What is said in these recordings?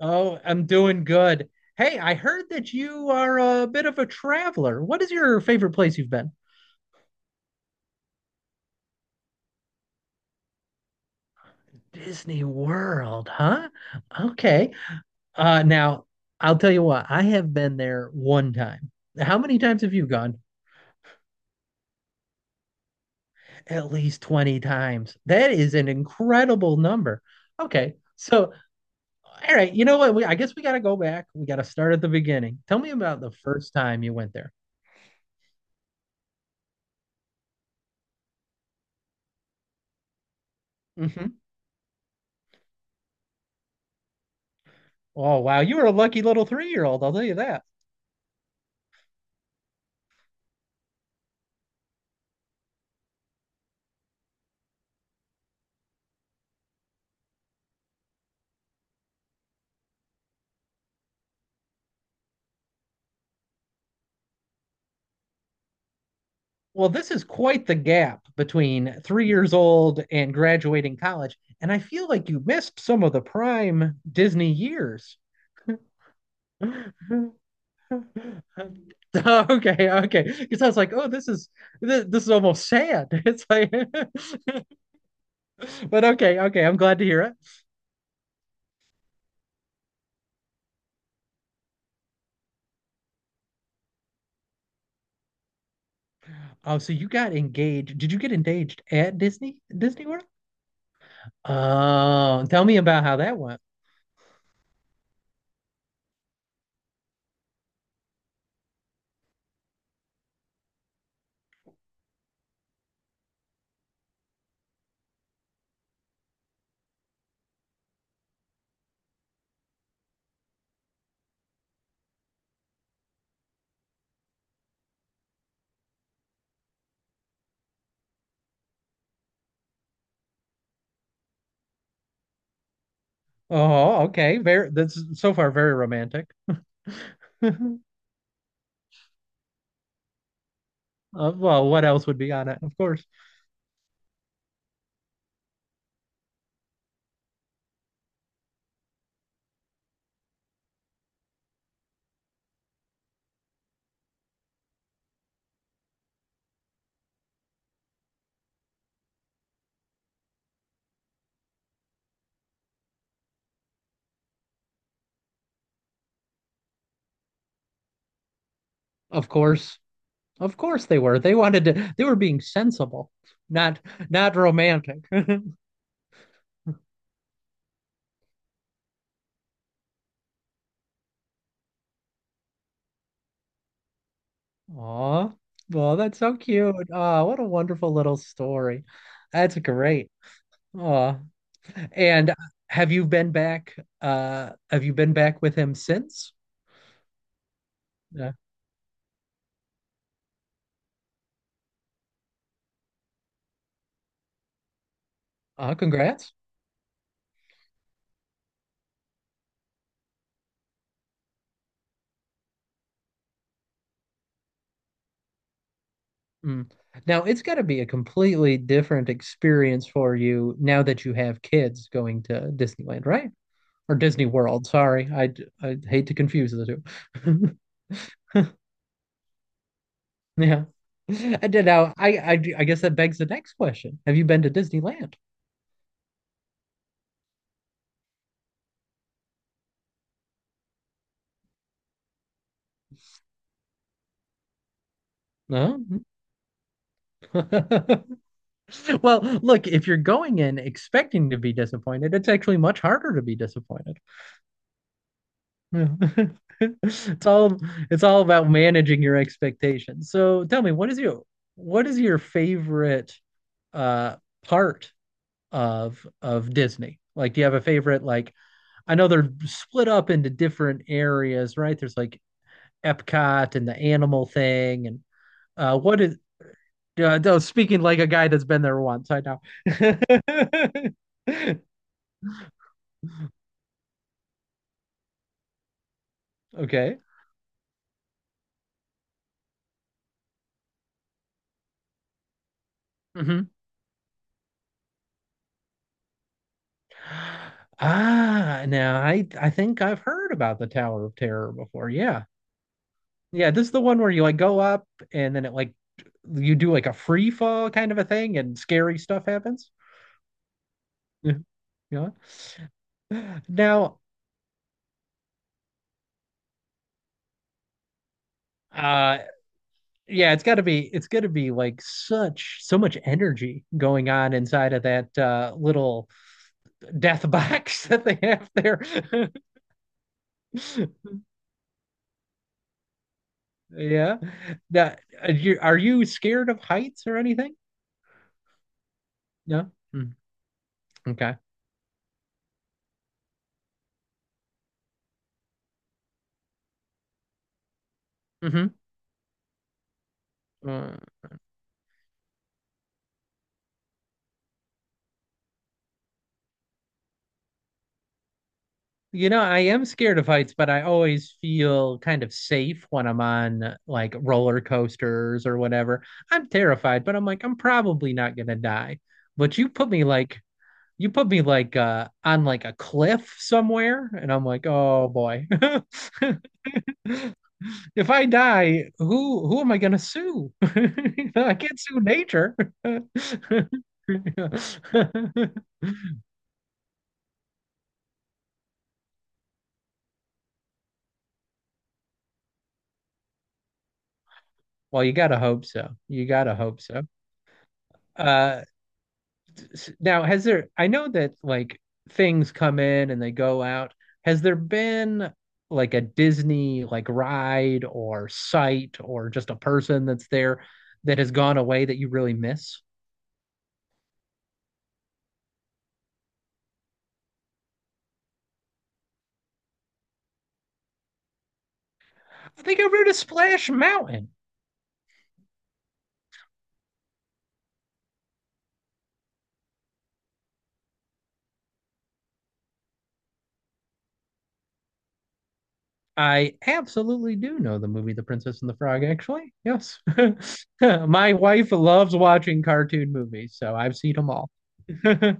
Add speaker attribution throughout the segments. Speaker 1: Oh, I'm doing good. Hey, I heard that you are a bit of a traveler. What is your favorite place you've been? Disney World, huh? Okay. Now, I'll tell you what, I have been there one time. How many times have you gone? At least 20 times. That is an incredible number. Okay. So, all right, you know what? I guess we got to go back. We got to start at the beginning. Tell me about the first time you went there. Hmm. Oh, wow. You were a lucky little 3-year-old, I'll tell you that. Well, this is quite the gap between 3 years old and graduating college, and I feel like you missed some of the prime Disney years. Okay, okay. Because I was like, oh, this is this, this is almost sad. It's like, but okay, okay. I'm glad to hear it. Oh, so you got engaged? Did you get engaged at Disney World? Oh, tell me about how that went. Oh, okay. Very. That's so far very romantic. Well, what else would be on it? Of course, of course they were. They wanted to. They were being sensible, not not romantic. Aw, well, that's so cute. Ah, what a wonderful little story. That's great. Aw, and have you been back? Have you been back with him since? Yeah. Ah, congrats. Mm. Now it's got to be a completely different experience for you now that you have kids going to Disneyland, right? Or Disney World. Sorry, I hate to confuse the two. Yeah, I did. Now, I guess that begs the next question: Have you been to Disneyland? No. Well, look, if you're going in expecting to be disappointed, it's actually much harder to be disappointed. Yeah. it's all it's all about managing your expectations. So tell me, what is your favorite uh part of Disney? Like, do you have a favorite, like, I know they're split up into different areas, right? There's like Epcot and the animal thing, and what is? No, speaking like a guy that's been there once. I know. Okay. Hmm. Ah, now I think I've heard about the Tower of Terror before. Yeah, yeah. This is the one where you like go up and then it like you do like a free fall kind of a thing, and scary stuff happens. Yeah. Yeah. Now, uh, yeah, it's got to be like such so much energy going on inside of that little death box that they have there. Yeah. Are you scared of heights or anything? No. Mm, okay. Hmm. Uh, I am scared of heights, but I always feel kind of safe when I'm on like roller coasters or whatever. I'm terrified, but I'm like, I'm probably not gonna die. But you put me like on like a cliff somewhere and I'm like, oh boy. If I die, who am I gonna sue? I can't sue nature. Yeah. Well, you gotta hope so, you gotta hope so uh Now, I know that, like, things come in and they go out. Has there been like a Disney like ride or site or just a person that's there that has gone away that you really miss? I think I rode a Splash Mountain. I absolutely do know the movie The Princess and the Frog, actually. Yes. My wife loves watching cartoon movies, so I've seen them all.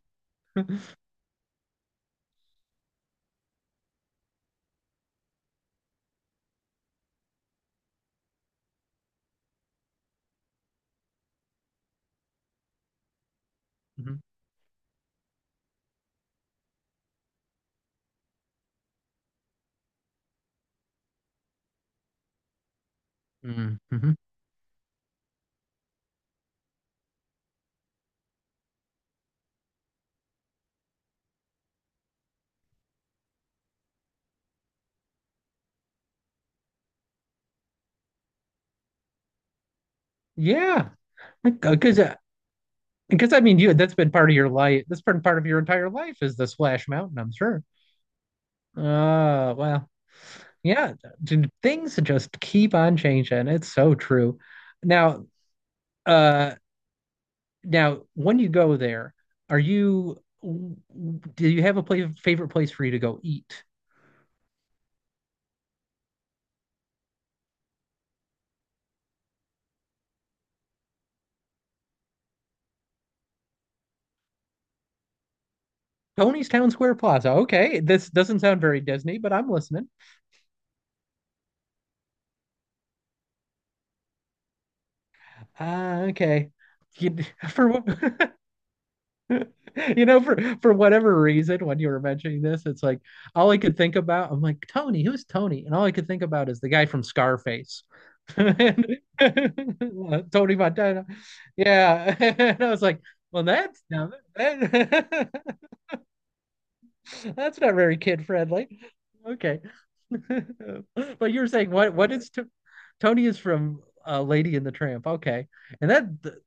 Speaker 1: Mhm. Mhm. Yeah, because Because I mean, you that's been part of your life. That's been part of your entire life is the Splash Mountain, I'm sure. Well, yeah, things just keep on changing. It's so true. Now, uh, now when you go there, are you w- w- do you have favorite place for you to go eat? Tony's Town Square Plaza. Okay, this doesn't sound very Disney, but I'm listening. Ah, okay. You- for what? You know, for for whatever reason, when you were mentioning this, it's like all I could think about. I'm like, Tony, who's Tony? And all I could think about is the guy from Scarface, and, Tony Montana. Yeah, and I was like, well, that's not that, that's not very kid friendly. Okay, but you were saying what? What is Tony is from Lady and the Tramp? Okay, and that, the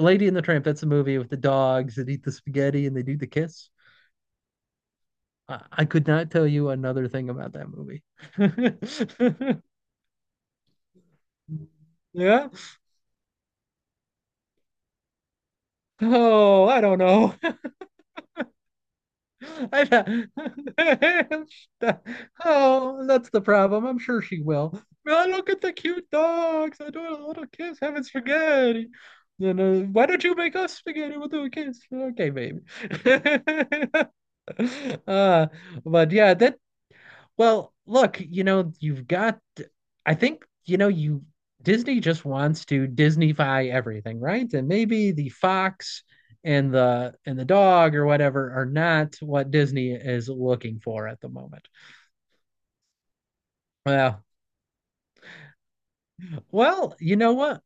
Speaker 1: Lady and the Tramp. That's a movie with the dogs that eat the spaghetti and they do the kiss. I could not tell you another thing about that movie. Yeah. Oh, I don't know. I don't- Oh, that's the problem. I'm sure she will. Oh, look at the cute dogs. I do a little to kiss having spaghetti. Then why don't you make us spaghetti? We'll do a kiss. Okay, baby. Uh, but yeah, that well, look, you've got, I think, you know, you Disney just wants to Disneyfy everything, right? And maybe the fox and the dog or whatever are not what Disney is looking for at the moment. Well, you know what?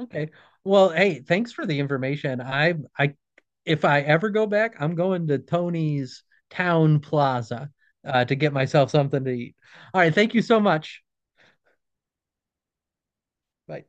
Speaker 1: Okay. Well, hey, thanks for the information. I If I ever go back, I'm going to Tony's Town Plaza to get myself something to eat. All right, thank you so much. Bye.